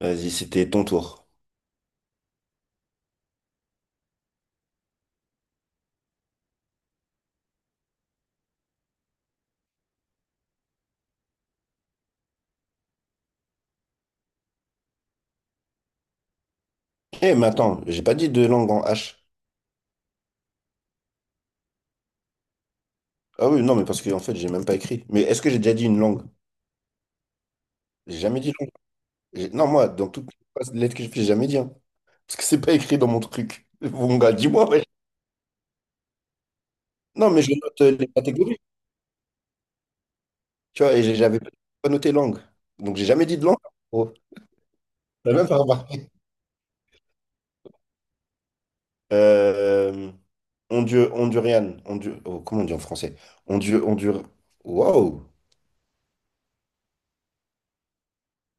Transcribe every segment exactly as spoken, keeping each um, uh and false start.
Vas-y, c'était ton tour. Eh, mais attends, j'ai pas dit de langue en H. Ah oui, non, mais parce qu'en fait, j'ai même pas écrit. Mais est-ce que j'ai déjà dit une langue? J'ai jamais dit langue. J'ai- Non, moi, dans toutes les lettres que j'ai fait, j'ai jamais dit, hein. Parce que c'est pas écrit dans mon truc. Mon gars, dis-moi. Ouais. Non, mais je note euh, les catégories, tu vois, et j'ai- j'avais pas noté langue. Donc, j'ai jamais dit de langue. Oh, t'as même pas remarqué. Euh, Hondu- Hondurian. Hondu- oh, comment on dit en français? Hondu- Hondur... Waouh!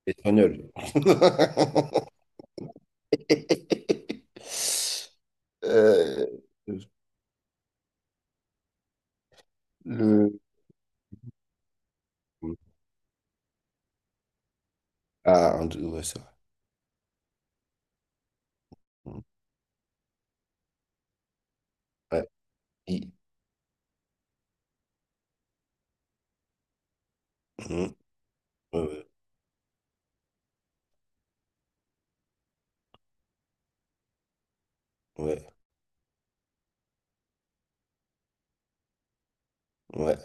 Espagnol. Euh, le... Ah, un, ouais, c'est vrai. Mm. Ouais. I- Mm, euh, ouais, ouais,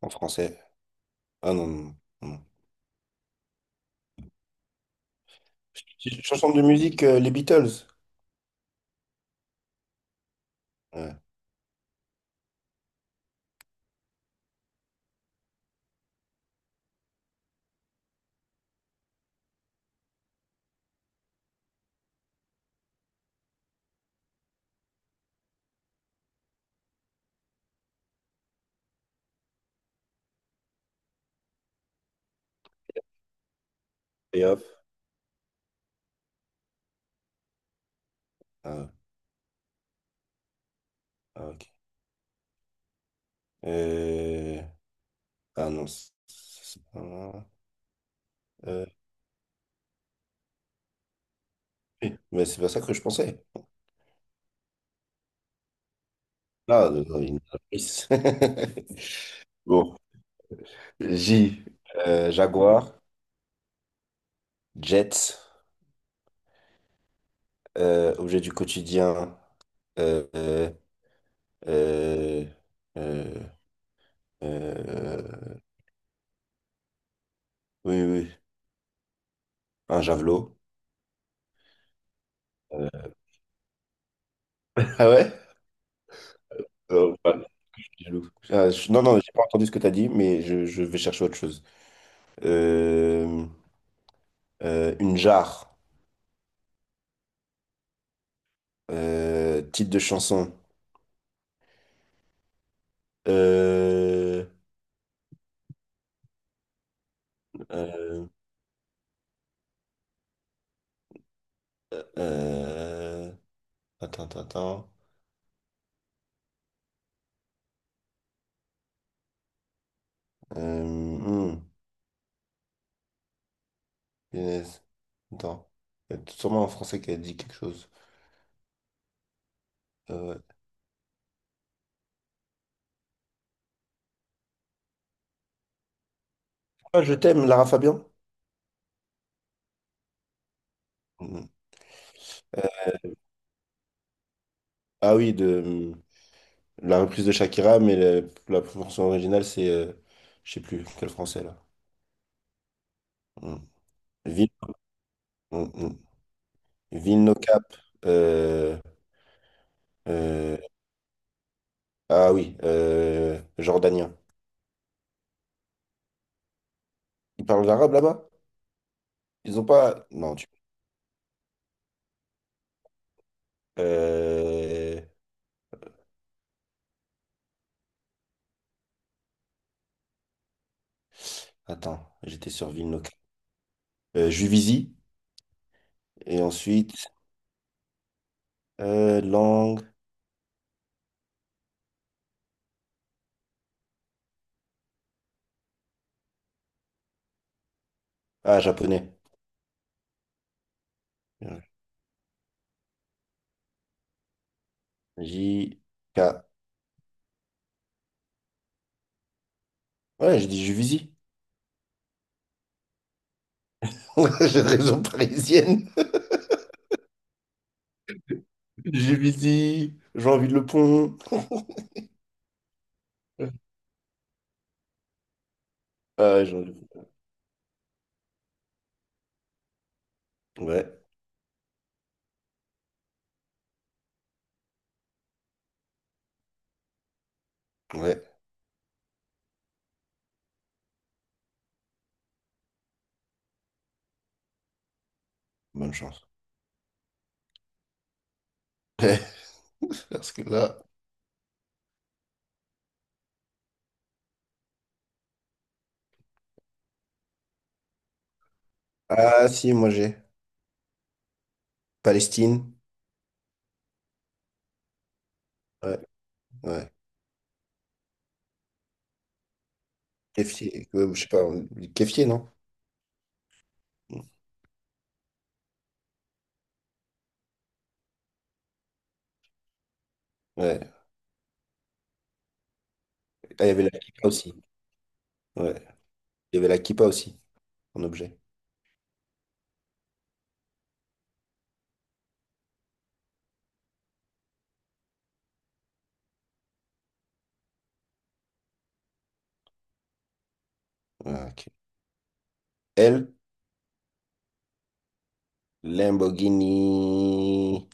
en français. Ah non, non, non. Ch- Chanson de musique, euh, les Beatles. Ouais. Et hop. Ah, ah, ok. Euh, Ah non, c'est c'est pas, euh, oui, mais c'est pas ça que je pensais. Ah, euh, non, il y en a plus. Bon, J, euh, Jaguar, Jets, euh, objet du quotidien, Euh, euh, euh, euh, euh, oui, oui, un javelot. Euh, Ah ouais? Euh, ouais, je suis jaloux. Ah, je- non, non, j'ai pas entendu ce que tu as dit, mais je, je vais chercher autre chose. Euh, euh, une jarre. Euh, titre de chanson. Euh, euh, euh, attends, attends, attends. Euh, hmm, Punaise. Attends. Il y a sûrement un Français qui a dit quelque chose. Euh, ouais. Ah, je t'aime, Lara Fabian? Ah oui, de mmh, la reprise de Shakira, mais le- la version originale, c'est, euh, je sais plus, quel français là. Hmm. Vil- hmm, hmm. Vilno Cap. euh, euh, ah oui, euh, jordanien. Ils parlent l'arabe là-bas? Ils ont pas. Non, tu. Euh, Attends, j'étais sur Vilno Cap. Euh, Juvisy. Et ensuite, euh, langue. Ah, japonais. J. K. Ouais, j'ai dit Juvisy. J'ai raison parisienne. J'ai visé, j'ai envie de le pont. Ah, j'ai envie de Ouais, ouais, bonne chance. Ouais, parce que là. Ah, si, moi j'ai. Palestine. Ouais, ouais. Keffieh, ouais, je sais pas, on dit Keffieh, non? Ouais. Ah, il y avait la kippa aussi. Ouais. Il y avait la kippa aussi, en objet. Ouais, ok. L, Lamborghini.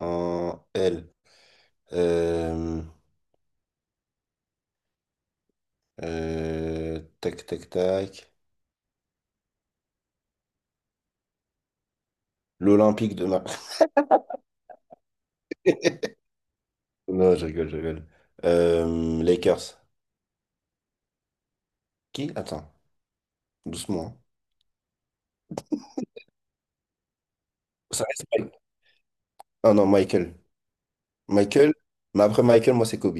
En L. Euh, euh, tac, tac, tac. L'Olympique de Marseille. Non, je rigole, je rigole. Euh, Lakers. Qui? Attends, doucement, hein. Ça reste Mike. Ah non, Michael. Michael, mais après Michael, moi, c'est Kobe.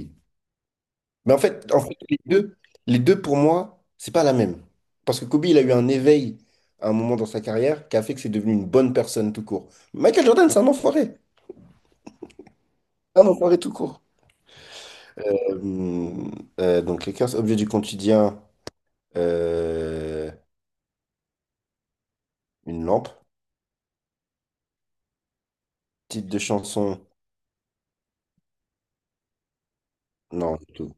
Mais en fait, en fait, les deux, les deux, pour moi, c'est pas la même. Parce que Kobe, il a eu un éveil à un moment dans sa carrière qui a fait que c'est devenu une bonne personne tout court. Michael Jordan, c'est un enfoiré. Un enfoiré tout court. Euh, euh, donc, Lakers, objet du quotidien, euh, une lampe. Titre de chanson, non, du tout.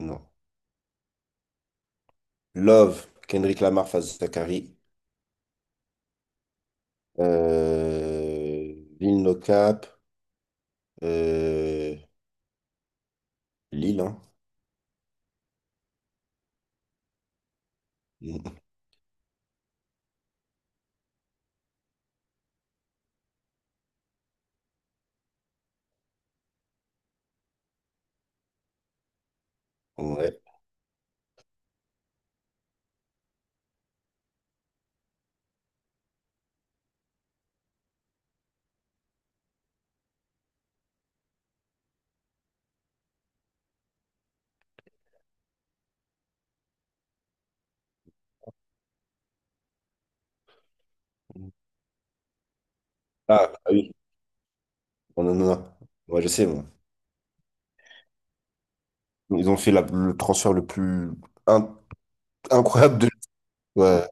Non. Love, Kendrick Lamar face Zachary. Euh, Lil No Cap. Euh, Lil, hein. Ouais. Ah, ah oui. Non, non, non, non. Ouais, je sais, moi. Ils ont fait la- le transfert le plus in- incroyable de. Ouais.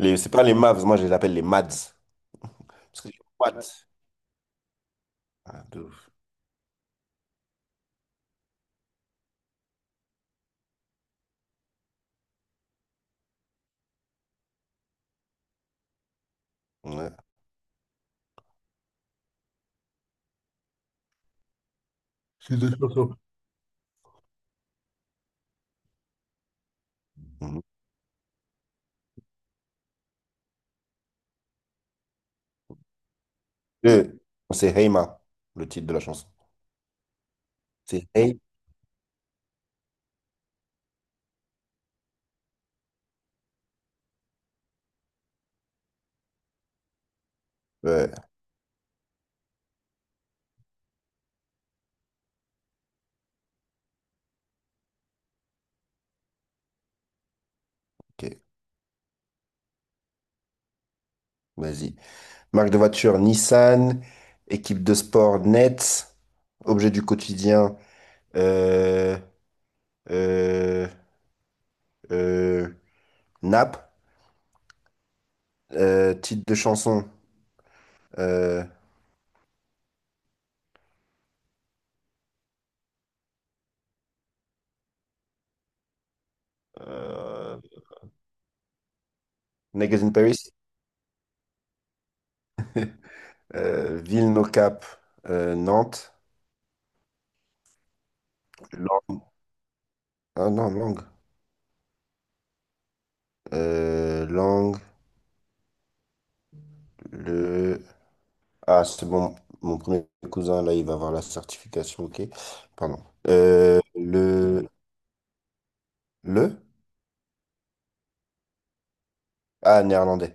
Les, c'est pas les Mavs, moi je les appelle les Mads. Parce que what? Ah, de ouf. Ouais. Mhm. Euh, C'est Heima, le titre de la chanson. C'est Hey. Ouais, ok. Vas-y. Marque de voiture Nissan, équipe de sport Nets, objet du quotidien euh, euh, euh, Nap, euh, titre de chanson euh, euh, Naked in Paris, euh, ville No Cap, euh, Nantes. Lang- ah non, langue, euh, langue, le... Ah, c'est bon, mon premier cousin, là, il va avoir la certification, ok, pardon. Euh, le... Le? Ah, néerlandais.